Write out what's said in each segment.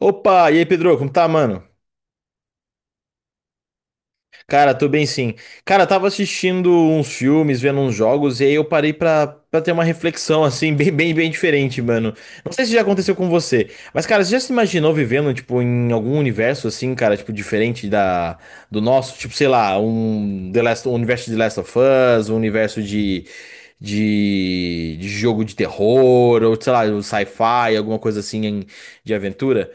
Opa, e aí, Pedro, como tá, mano? Cara, tô bem sim. Cara, tava assistindo uns filmes, vendo uns jogos, e aí eu parei pra ter uma reflexão, assim, bem diferente, mano. Não sei se já aconteceu com você, mas, cara, você já se imaginou vivendo, tipo, em algum universo, assim, cara, tipo, diferente do nosso? Tipo, sei lá, um, The Last, um universo de The Last of Us, um universo de jogo de terror, ou sei lá, um sci-fi, alguma coisa assim de aventura.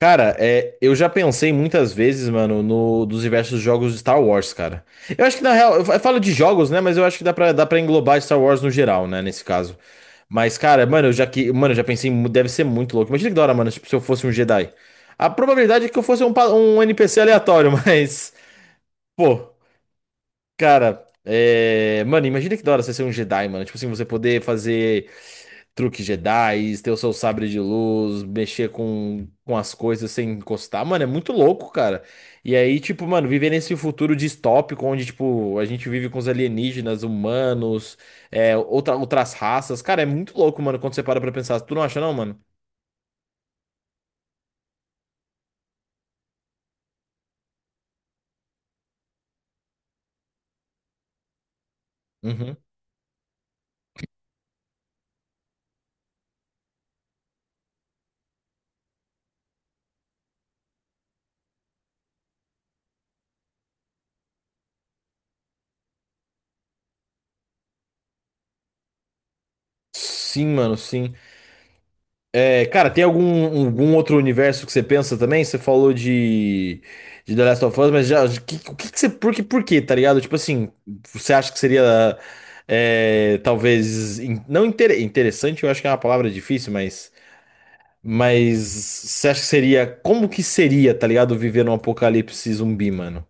Cara, é, eu já pensei muitas vezes, mano, no, dos diversos jogos de Star Wars, cara. Eu acho que na real, eu falo de jogos, né? Mas eu acho que dá pra englobar Star Wars no geral, né? Nesse caso. Mas, cara, mano, eu já pensei, mu- deve ser muito louco. Imagina que da hora, mano, tipo, se eu fosse um Jedi. A probabilidade é que eu fosse um NPC aleatório, mas, pô, cara, é, mano, imagina que da hora você ser um Jedi, mano. Tipo assim, você poder fazer truque Jedi, ter o seu sabre de luz, mexer com as coisas sem encostar, mano, é muito louco, cara. E aí, tipo, mano, viver nesse futuro distópico onde, tipo, a gente vive com os alienígenas, humanos, é, outras raças, cara, é muito louco, mano, quando você para pra pensar. Tu não acha, não, mano? Uhum. Sim, mano, sim. É, cara, tem algum, um, algum outro universo que você pensa também? Você falou de The Last of Us, mas já, que- o que, que você, por que, por quê, tá ligado? Tipo assim, você acha que seria, é, talvez, in- não inter- interessante, eu acho que é uma palavra difícil, mas você acha que seria, como que seria, tá ligado, viver num apocalipse zumbi, mano?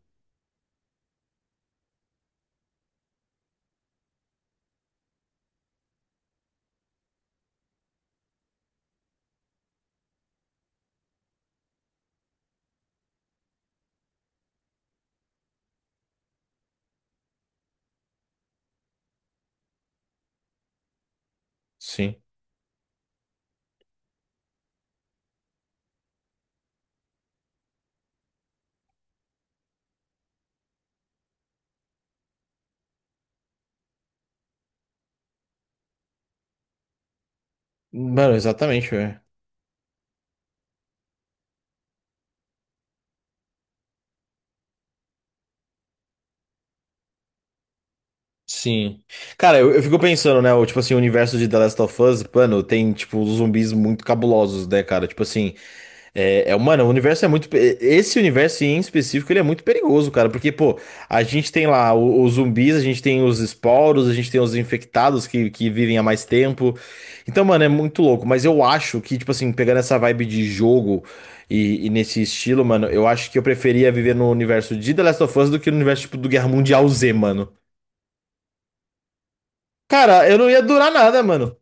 Sim. Mano, exatamente, velho. Sim. Cara, eu fico pensando, né? O, tipo assim, o universo de The Last of Us, mano, tem, tipo, zumbis muito cabulosos, né, cara? Tipo assim, mano, o universo é muito. Pe- Esse universo em específico, ele é muito perigoso, cara. Porque, pô, a gente tem lá os zumbis, a gente tem os esporos, a gente tem os infectados que vivem há mais tempo. Então, mano, é muito louco. Mas eu acho que, tipo assim, pegando essa vibe de jogo e nesse estilo, mano, eu acho que eu preferia viver no universo de The Last of Us do que no universo, tipo, do Guerra Mundial Z, mano. Cara, eu não ia durar nada, mano.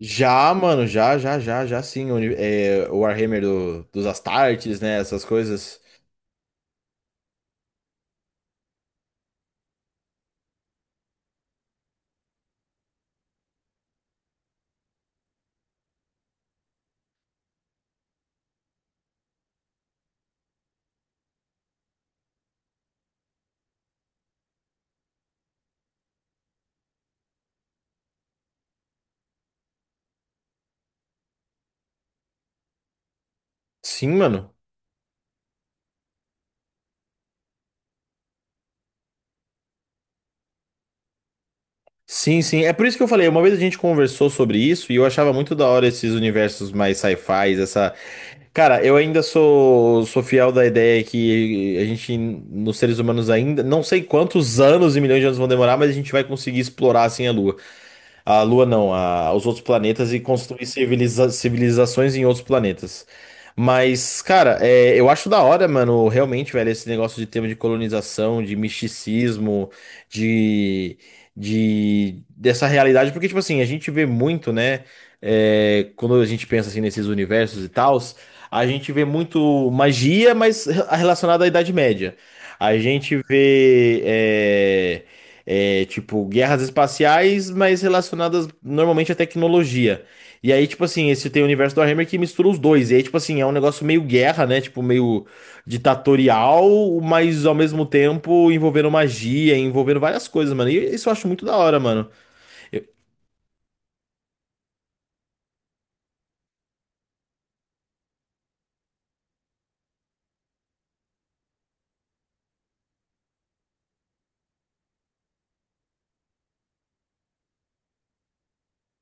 Já, mano, já sim. O, uni- é, o Warhammer dos Astartes, né? Essas coisas. Sim, mano. Sim, sim. É por isso que eu falei. Uma vez a gente conversou sobre isso e eu achava muito da hora esses universos mais sci fi essa. Cara, eu ainda sou fiel da ideia que a gente, nos seres humanos ainda, não sei quantos anos e milhões de anos vão demorar, mas a gente vai conseguir explorar assim a Lua. A Lua não, a, os outros planetas e construir civiliza- civilizações em outros planetas. Mas, cara, é, eu acho da hora, mano, realmente, velho, esse negócio de tema de colonização, de misticismo, de, de dessa realidade, porque, tipo assim, a gente vê muito, né, é, quando a gente pensa assim nesses universos e tals, a gente vê muito magia, mas relacionada à Idade Média. A gente vê. É, é, tipo, guerras espaciais, mas relacionadas normalmente à tecnologia. E aí, tipo assim, esse tem o universo do Warhammer que mistura os dois. E aí, tipo assim, é um negócio meio guerra, né? Tipo, meio ditatorial, mas ao mesmo tempo envolvendo magia, envolvendo várias coisas, mano. E isso eu acho muito da hora, mano. Eu-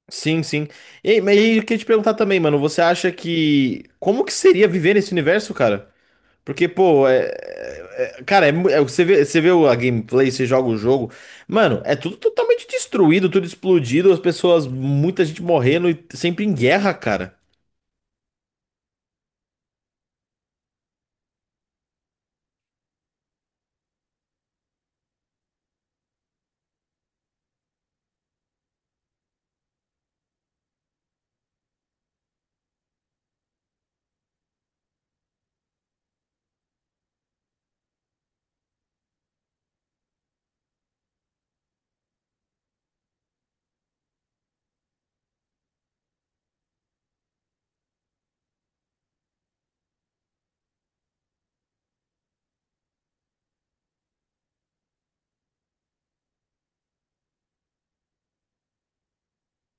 Sim, sim. E, mas eu queria te perguntar também, mano, você acha que. Como que seria viver nesse universo, cara? Porque, pô, cara, é, você vê a gameplay, você joga o jogo, mano, é tudo totalmente destruído, tudo explodido, as pessoas, muita gente morrendo e sempre em guerra, cara.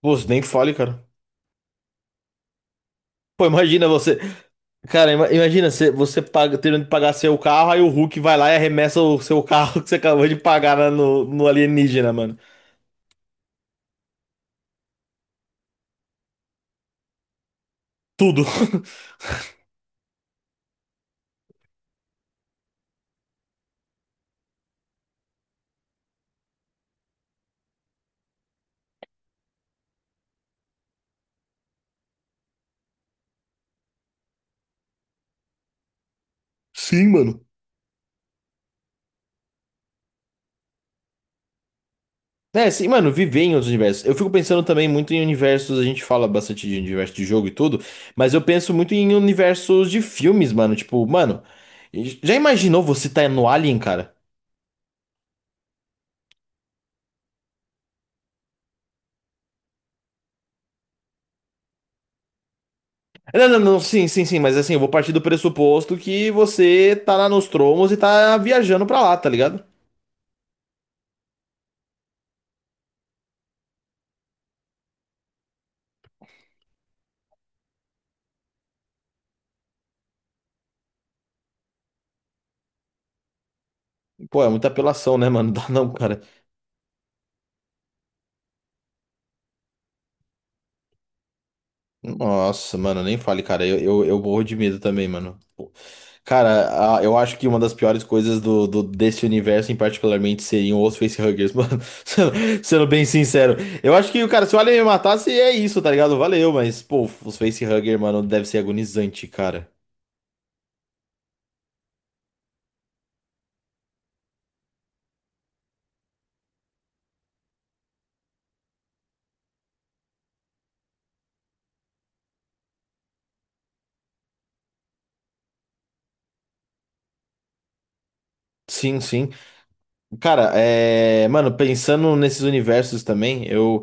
Pô, você nem fale, cara. Pô, imagina você, cara, imagina você, você paga, tendo que pagar seu carro, aí o Hulk vai lá e arremessa o seu carro que você acabou de pagar no alienígena, mano. Tudo. Sim, mano. É, sim, mano, viver em outros universos. Eu fico pensando também muito em universos, a gente fala bastante de universo de jogo e tudo, mas eu penso muito em universos de filmes, mano. Tipo, mano, já imaginou você tá no Alien, cara? Não, não, não, sim, sim, sim, mas assim, eu vou partir do pressuposto que você tá lá nos tromos e tá viajando pra lá, tá ligado? Pô, é muita apelação, né, mano? Dá não, cara. Nossa, mano, nem fale, cara. Eu morro de medo também, mano. Cara, a- eu acho que uma das piores coisas desse universo em particularmente seriam os facehuggers, mano. Sendo bem sincero. Eu acho que, cara, se o Alien me matasse, é isso, tá ligado? Valeu, mas, pô, os facehuggers, mano, deve ser agonizante, cara. Sim, sim. Cara, é... Mano, pensando nesses universos também, eu...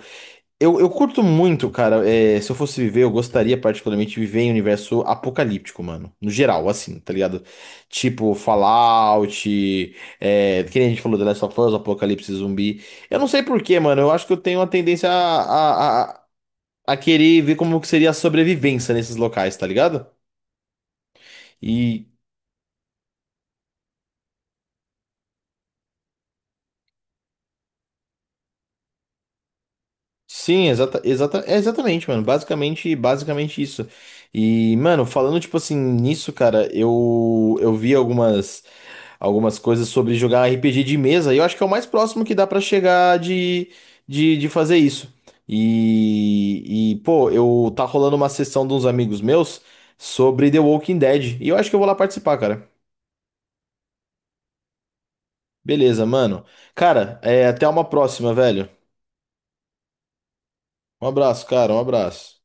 Eu curto muito, cara. É, se eu fosse viver, eu gostaria particularmente de viver em um universo apocalíptico, mano. No geral, assim, tá ligado? Tipo Fallout, é, que nem a gente falou, The Last of Us, Apocalipse Zumbi. Eu não sei por quê, mano. Eu acho que eu tenho uma tendência a querer ver como que seria a sobrevivência nesses locais, tá ligado? E Sim, exata, é exatamente, mano. Basicamente isso. E, mano, falando tipo assim nisso, cara, eu vi algumas coisas sobre jogar RPG de mesa, e eu acho que é o mais próximo que dá pra chegar de, de fazer isso. Pô, eu tá rolando uma sessão de uns amigos meus sobre The Walking Dead, e eu acho que eu vou lá participar, cara. Beleza, mano. Cara, é, até uma próxima, velho. Um abraço, cara, um abraço.